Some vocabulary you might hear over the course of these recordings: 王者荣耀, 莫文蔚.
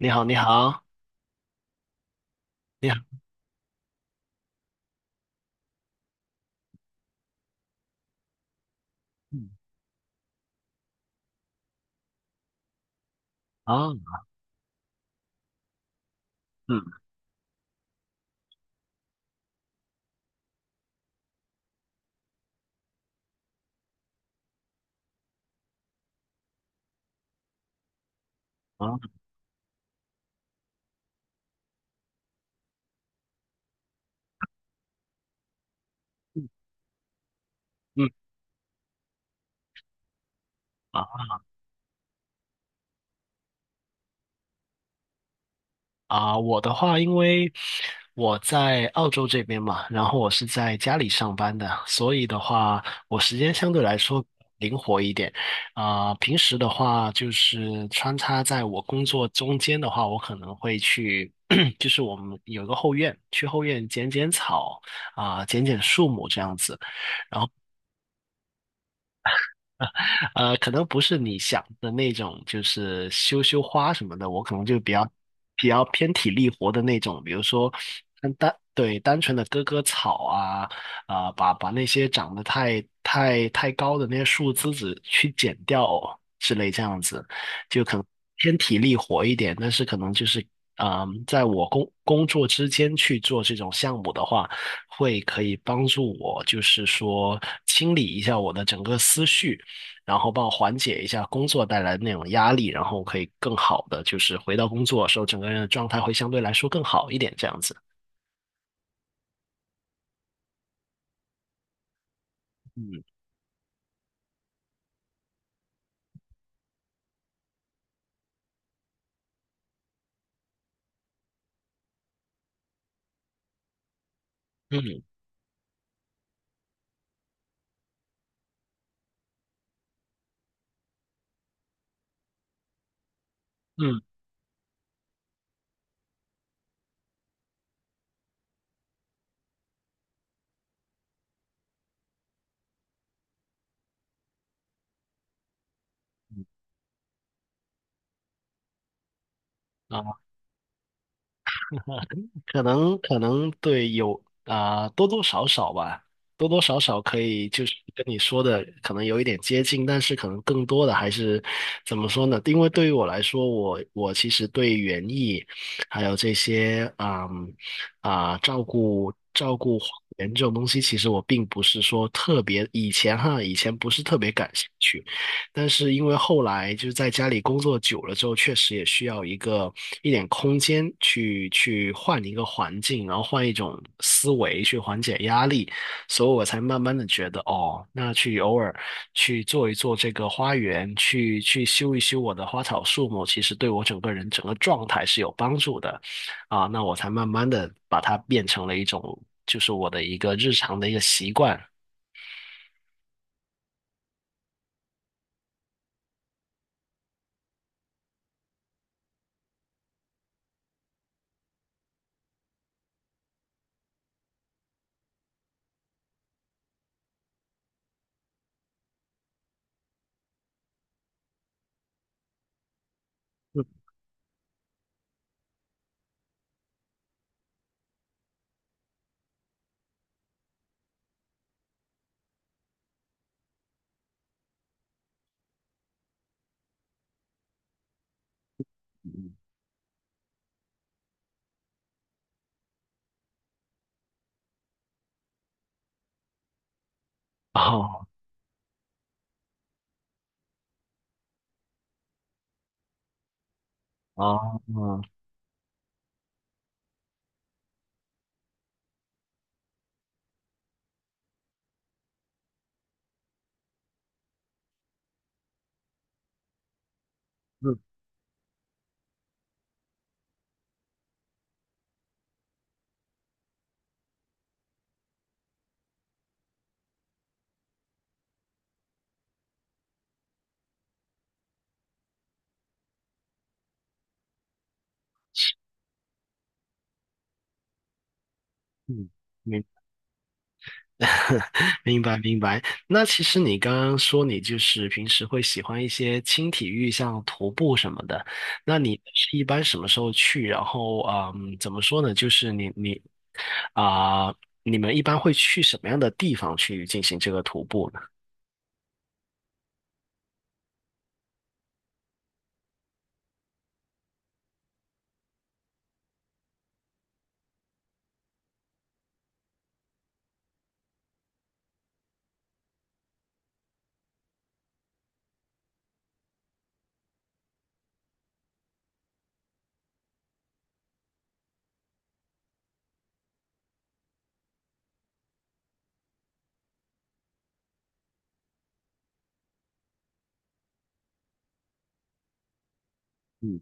你好，你好，你好。嗯啊，嗯啊，嗯嗯啊啊，我的话，因为我在澳洲这边嘛，然后我是在家里上班的，所以的话，我时间相对来说灵活一点。啊、平时的话，就是穿插在我工作中间的话，我可能会去，就是我们有一个后院，去后院剪剪草啊、剪剪树木这样子。然后。可能不是你想的那种，就是修修花什么的，我可能就比较偏体力活的那种，比如说单纯的割割草啊，啊、把那些长得太太太高的那些树枝子去剪掉之类这样子，就可能偏体力活一点，但是可能就是。嗯，在我工作之间去做这种项目的话，会可以帮助我，就是说清理一下我的整个思绪，然后帮我缓解一下工作带来的那种压力，然后可以更好的就是回到工作的时候，整个人的状态会相对来说更好一点，这样子。嗯嗯嗯，啊。可能对有啊、多多少少吧，多多少少可以就是跟你说的可能有一点接近，但是可能更多的还是怎么说呢？因为对于我来说，我其实对园艺还有这些照顾照顾花园这种东西，其实我并不是说特别以前哈，以前不是特别感兴趣。但是因为后来就是在家里工作久了之后，确实也需要一点空间去换一个环境，然后换一种思维去缓解压力，所以我才慢慢的觉得哦，那去偶尔去做一做这个花园，去修一修我的花草树木，其实对我整个人整个状态是有帮助的啊，那我才慢慢的把它变成了一种就是我的一个日常的一个习惯。哦哦，嗯嗯嗯。明 明白明白。那其实你刚刚说你就是平时会喜欢一些轻体育，像徒步什么的。那你是一般什么时候去？然后，嗯，怎么说呢？就是啊、你们一般会去什么样的地方去进行这个徒步呢？嗯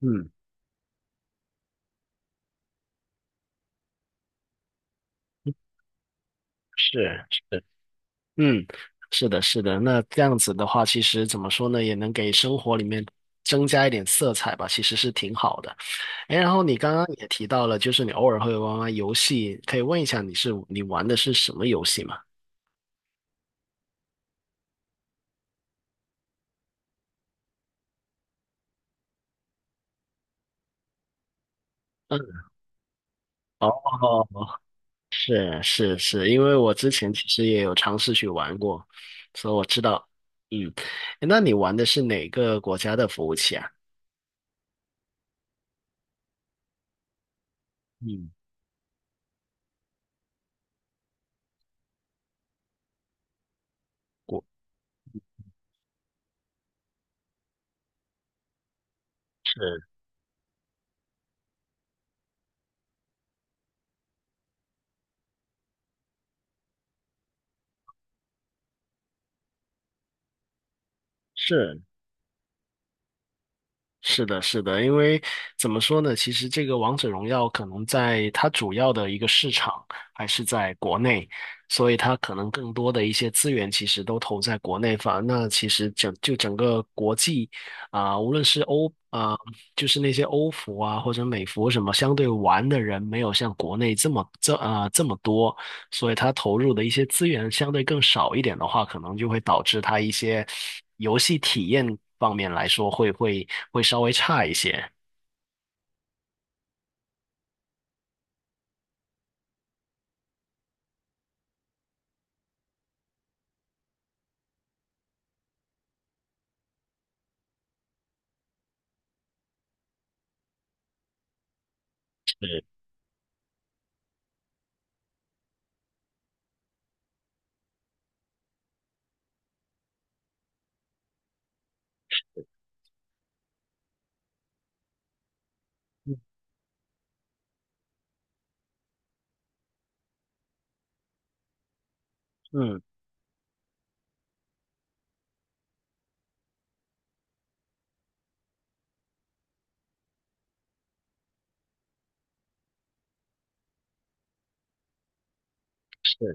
嗯，是是，嗯，是的，是的。那这样子的话，其实怎么说呢，也能给生活里面增加一点色彩吧，其实是挺好的。哎，然后你刚刚也提到了，就是你偶尔会玩玩游戏，可以问一下你玩的是什么游戏吗？嗯，哦，是是是，因为我之前其实也有尝试去玩过，所以我知道。嗯，那你玩的是哪个国家的服务器啊？嗯，是是，是的，是的，因为怎么说呢？其实这个《王者荣耀》可能在它主要的一个市场还是在国内，所以它可能更多的一些资源其实都投在国内方。那其实整个国际啊、无论是就是那些欧服啊或者美服什么，相对玩的人没有像国内这么多，所以它投入的一些资源相对更少一点的话，可能就会导致它一些游戏体验方面来说会稍微差一些。对，嗯。对，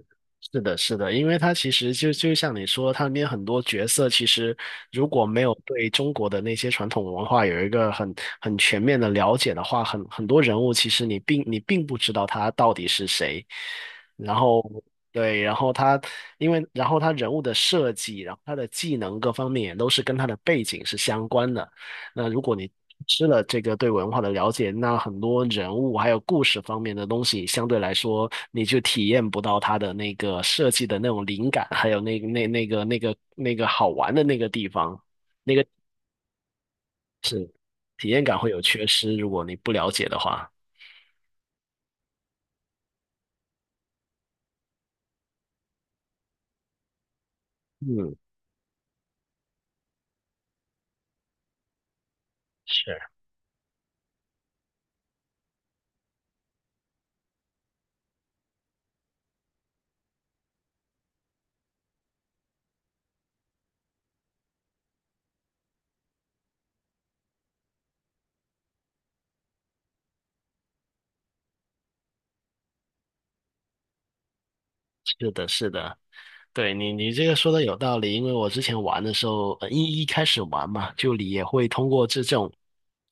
是的，是的，因为他其实就像你说，他里面很多角色其实如果没有对中国的那些传统文化有一个很全面的了解的话，很多人物其实你并不知道他到底是谁。然后对，然后他因为然后他人物的设计，然后他的技能各方面也都是跟他的背景是相关的。那如果你失了这个对文化的了解，那很多人物还有故事方面的东西，相对来说你就体验不到它的那个设计的那种灵感，还有那个好玩的那个地方，那个体验感会有缺失，如果你不了解的话。嗯，是。是的，是的，对你，你这个说的有道理，因为我之前玩的时候，一开始玩嘛，就你也会通过这种，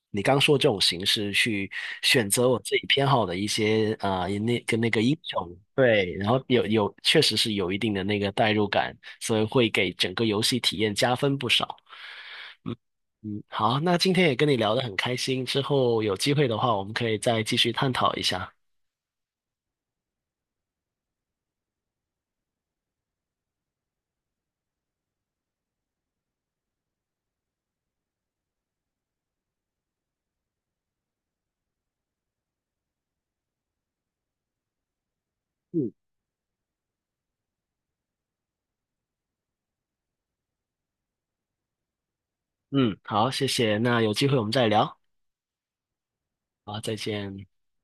你刚说这种形式去选择我自己偏好的一些啊，那跟那个英雄，对，然后有确实是有一定的那个代入感，所以会给整个游戏体验加分不少。嗯，好，那今天也跟你聊得很开心，之后有机会的话，我们可以再继续探讨一下。嗯嗯，好，谢谢，那有机会我们再聊，好，再见。